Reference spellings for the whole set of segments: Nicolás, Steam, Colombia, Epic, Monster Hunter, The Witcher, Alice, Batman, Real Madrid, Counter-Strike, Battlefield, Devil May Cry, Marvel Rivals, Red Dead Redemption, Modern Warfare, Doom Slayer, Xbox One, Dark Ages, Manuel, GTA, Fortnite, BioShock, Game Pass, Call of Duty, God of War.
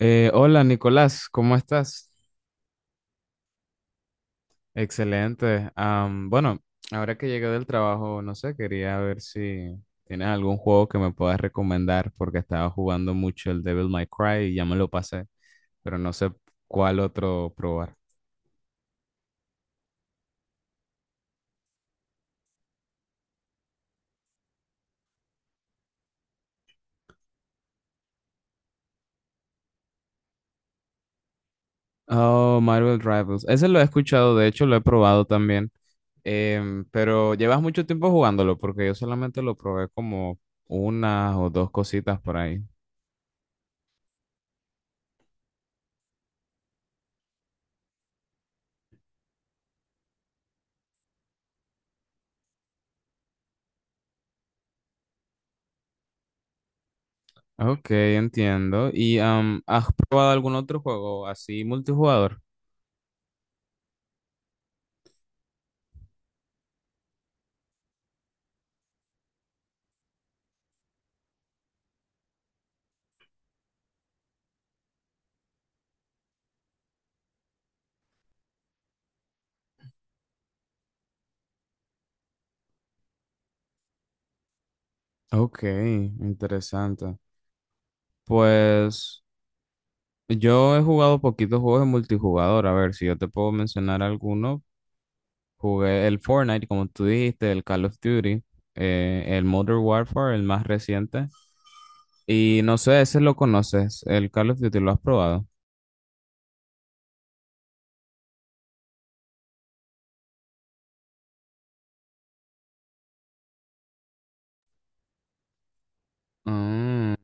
Hola Nicolás, ¿cómo estás? Excelente. Bueno, ahora que llegué del trabajo, no sé, quería ver si tienes algún juego que me puedas recomendar porque estaba jugando mucho el Devil May Cry y ya me lo pasé, pero no sé cuál otro probar. Oh, Marvel Rivals. Ese lo he escuchado, de hecho lo he probado también. Pero llevas mucho tiempo jugándolo porque yo solamente lo probé como una o dos cositas por ahí. Ok, entiendo. ¿Y has probado algún otro juego así multijugador? Ok, interesante. Pues yo he jugado poquitos juegos de multijugador. A ver, si yo te puedo mencionar alguno. Jugué el Fortnite, como tú dijiste, el Call of Duty, el Modern Warfare, el más reciente. Y no sé, ese lo conoces, el Call of Duty, ¿lo has probado? Mm,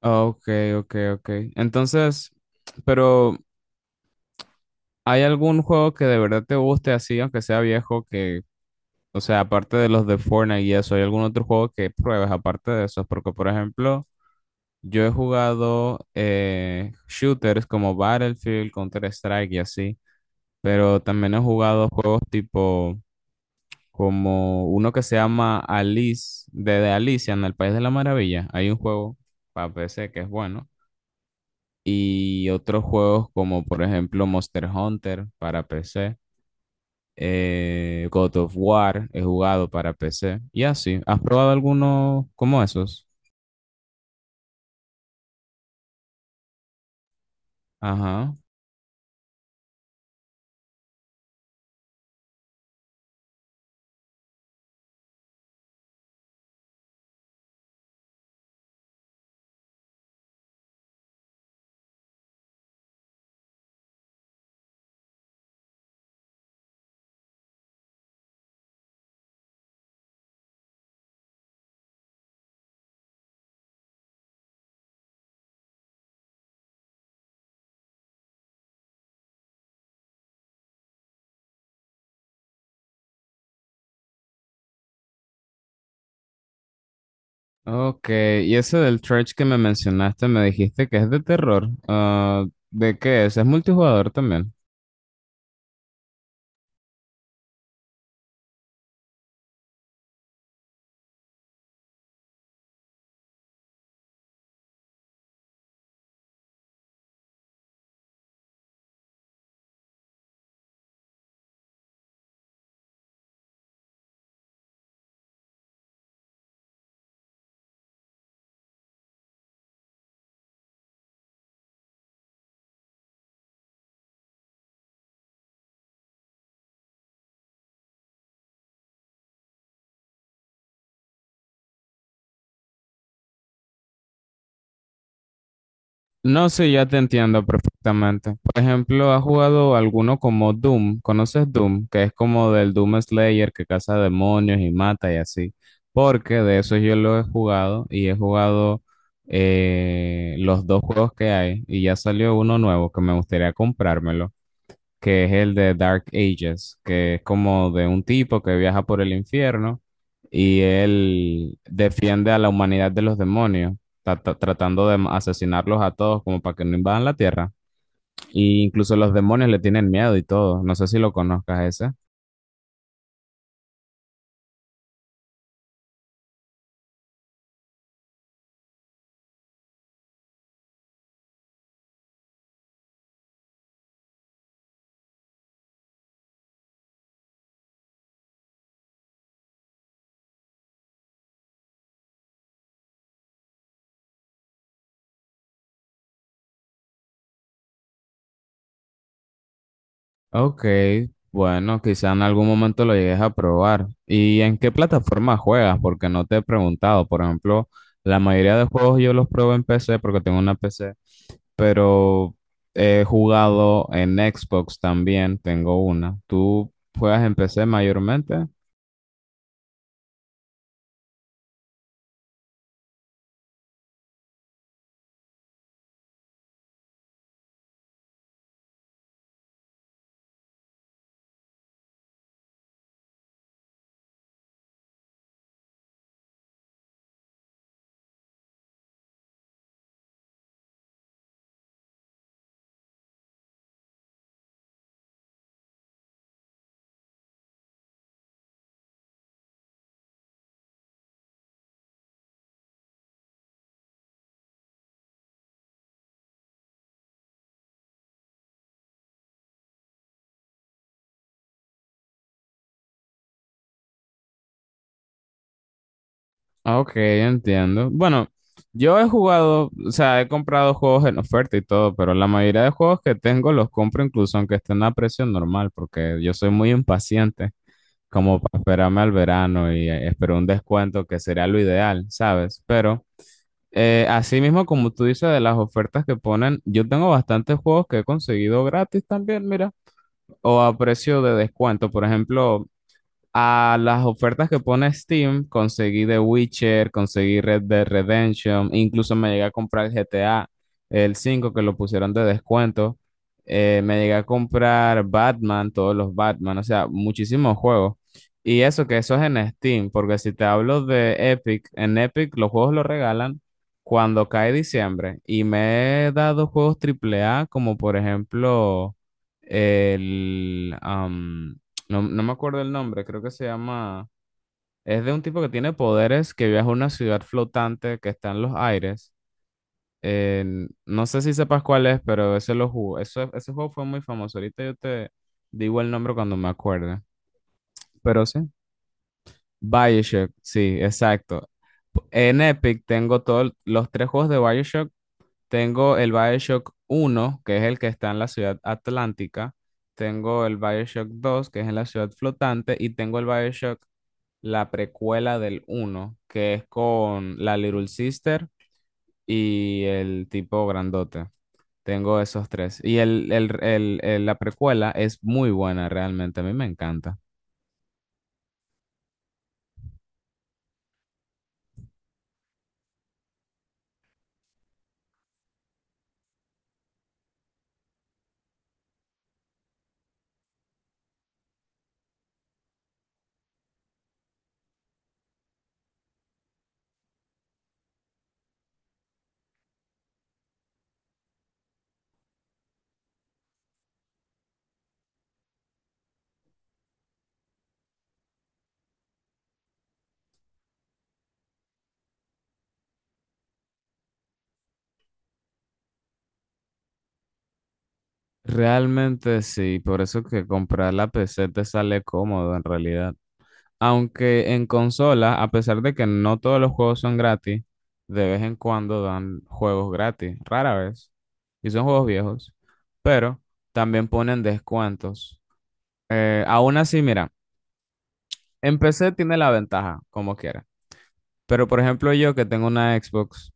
ok, ok, ok. Entonces, pero... ¿Hay algún juego que de verdad te guste así, aunque sea viejo, que, o sea, aparte de los de Fortnite y eso, hay algún otro juego que pruebes aparte de esos? Porque, por ejemplo, yo he jugado shooters como Battlefield, Counter-Strike y así, pero también he jugado juegos tipo como uno que se llama Alice, de Alicia en el País de la Maravilla. Hay un juego para PC que es bueno. Y otros juegos como, por ejemplo, Monster Hunter para PC. God of War, he jugado para PC. Y así, ¿has probado alguno como esos? Ajá. Ok, y ese del Church que me mencionaste, me dijiste que es de terror. Ah, ¿de qué es? ¿Es multijugador también? No sé, ya te entiendo perfectamente. Por ejemplo, ¿has jugado alguno como Doom? ¿Conoces Doom? Que es como del Doom Slayer que caza demonios y mata y así. Porque de eso yo lo he jugado y he jugado los dos juegos que hay y ya salió uno nuevo que me gustaría comprármelo que es el de Dark Ages, que es como de un tipo que viaja por el infierno y él defiende a la humanidad de los demonios, tratando de asesinarlos a todos como para que no invadan la Tierra. Y incluso los demonios le tienen miedo y todo. No sé si lo conozcas ese. Ok, bueno, quizá en algún momento lo llegues a probar. ¿Y en qué plataforma juegas? Porque no te he preguntado. Por ejemplo, la mayoría de juegos yo los pruebo en PC porque tengo una PC, pero he jugado en Xbox también, tengo una. ¿Tú juegas en PC mayormente? Ah, ok, entiendo. Bueno, yo he jugado, o sea, he comprado juegos en oferta y todo, pero la mayoría de juegos que tengo los compro incluso aunque estén a precio normal, porque yo soy muy impaciente, como para esperarme al verano y espero un descuento que sería lo ideal, ¿sabes? Pero así mismo, como tú dices de las ofertas que ponen, yo tengo bastantes juegos que he conseguido gratis también, mira, o a precio de descuento. Por ejemplo, a las ofertas que pone Steam, conseguí The Witcher, conseguí Red Dead Redemption, incluso me llegué a comprar el GTA, el 5 que lo pusieron de descuento. Me llegué a comprar Batman, todos los Batman, o sea, muchísimos juegos. Y eso que eso es en Steam, porque si te hablo de Epic, en Epic los juegos los regalan cuando cae diciembre y me he dado juegos triple A como por ejemplo el... am, no, no me acuerdo el nombre, creo que se llama... Es de un tipo que tiene poderes que viaja a una ciudad flotante que está en los aires. Eh, no sé si sepas cuál es, pero ese lo jugó. Eso, ese juego fue muy famoso. Ahorita yo te digo el nombre cuando me acuerde. Pero sí. BioShock, sí, exacto. P- En Epic tengo todos los tres juegos de BioShock. Tengo el BioShock uno que es el que está en la ciudad atlántica. Tengo el BioShock 2 que es en la ciudad flotante. Y tengo el BioShock, la precuela del uno que es con la Little Sister y el tipo grandote. Tengo esos tres. Y la precuela es muy buena, realmente. A mí me encanta. Realmente sí, por eso que comprar la PC te sale cómodo en realidad. Aunque en consola, a pesar de que no todos los juegos son gratis, de vez en cuando dan juegos gratis, rara vez. Y son juegos viejos, pero también ponen descuentos. Aún así, mira, en PC tiene la ventaja, como quiera. Pero por ejemplo, yo que tengo una Xbox,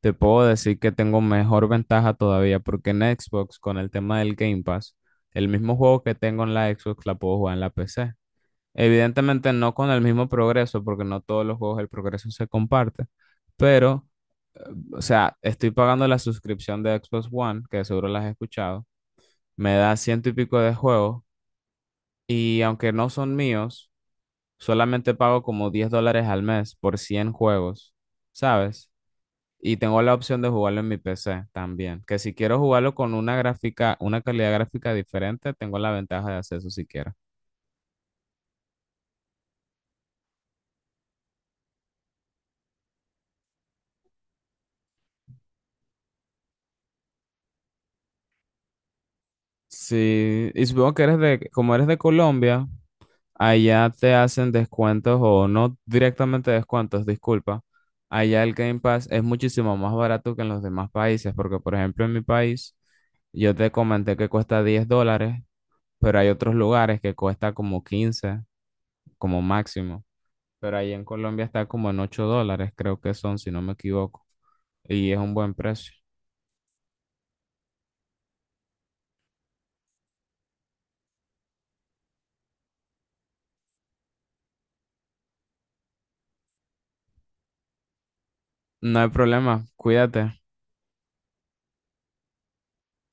te puedo decir que tengo mejor ventaja todavía, porque en Xbox, con el tema del Game Pass, el mismo juego que tengo en la Xbox la puedo jugar en la PC. Evidentemente no con el mismo progreso, porque no todos los juegos el progreso se comparte. Pero, o sea, estoy pagando la suscripción de Xbox One, que seguro la has escuchado. Me da ciento y pico de juegos. Y aunque no son míos, solamente pago como $10 al mes por 100 juegos, ¿sabes? Y tengo la opción de jugarlo en mi PC también, que si quiero jugarlo con una gráfica, una calidad gráfica diferente, tengo la ventaja de hacer eso si quiero. Sí, y supongo que eres de, como eres de Colombia, allá te hacen descuentos o no directamente descuentos, disculpa. Allá el Game Pass es muchísimo más barato que en los demás países, porque por ejemplo en mi país yo te comenté que cuesta $10, pero hay otros lugares que cuesta como 15 como máximo, pero ahí en Colombia está como en $8, creo que son, si no me equivoco, y es un buen precio. No hay problema, cuídate.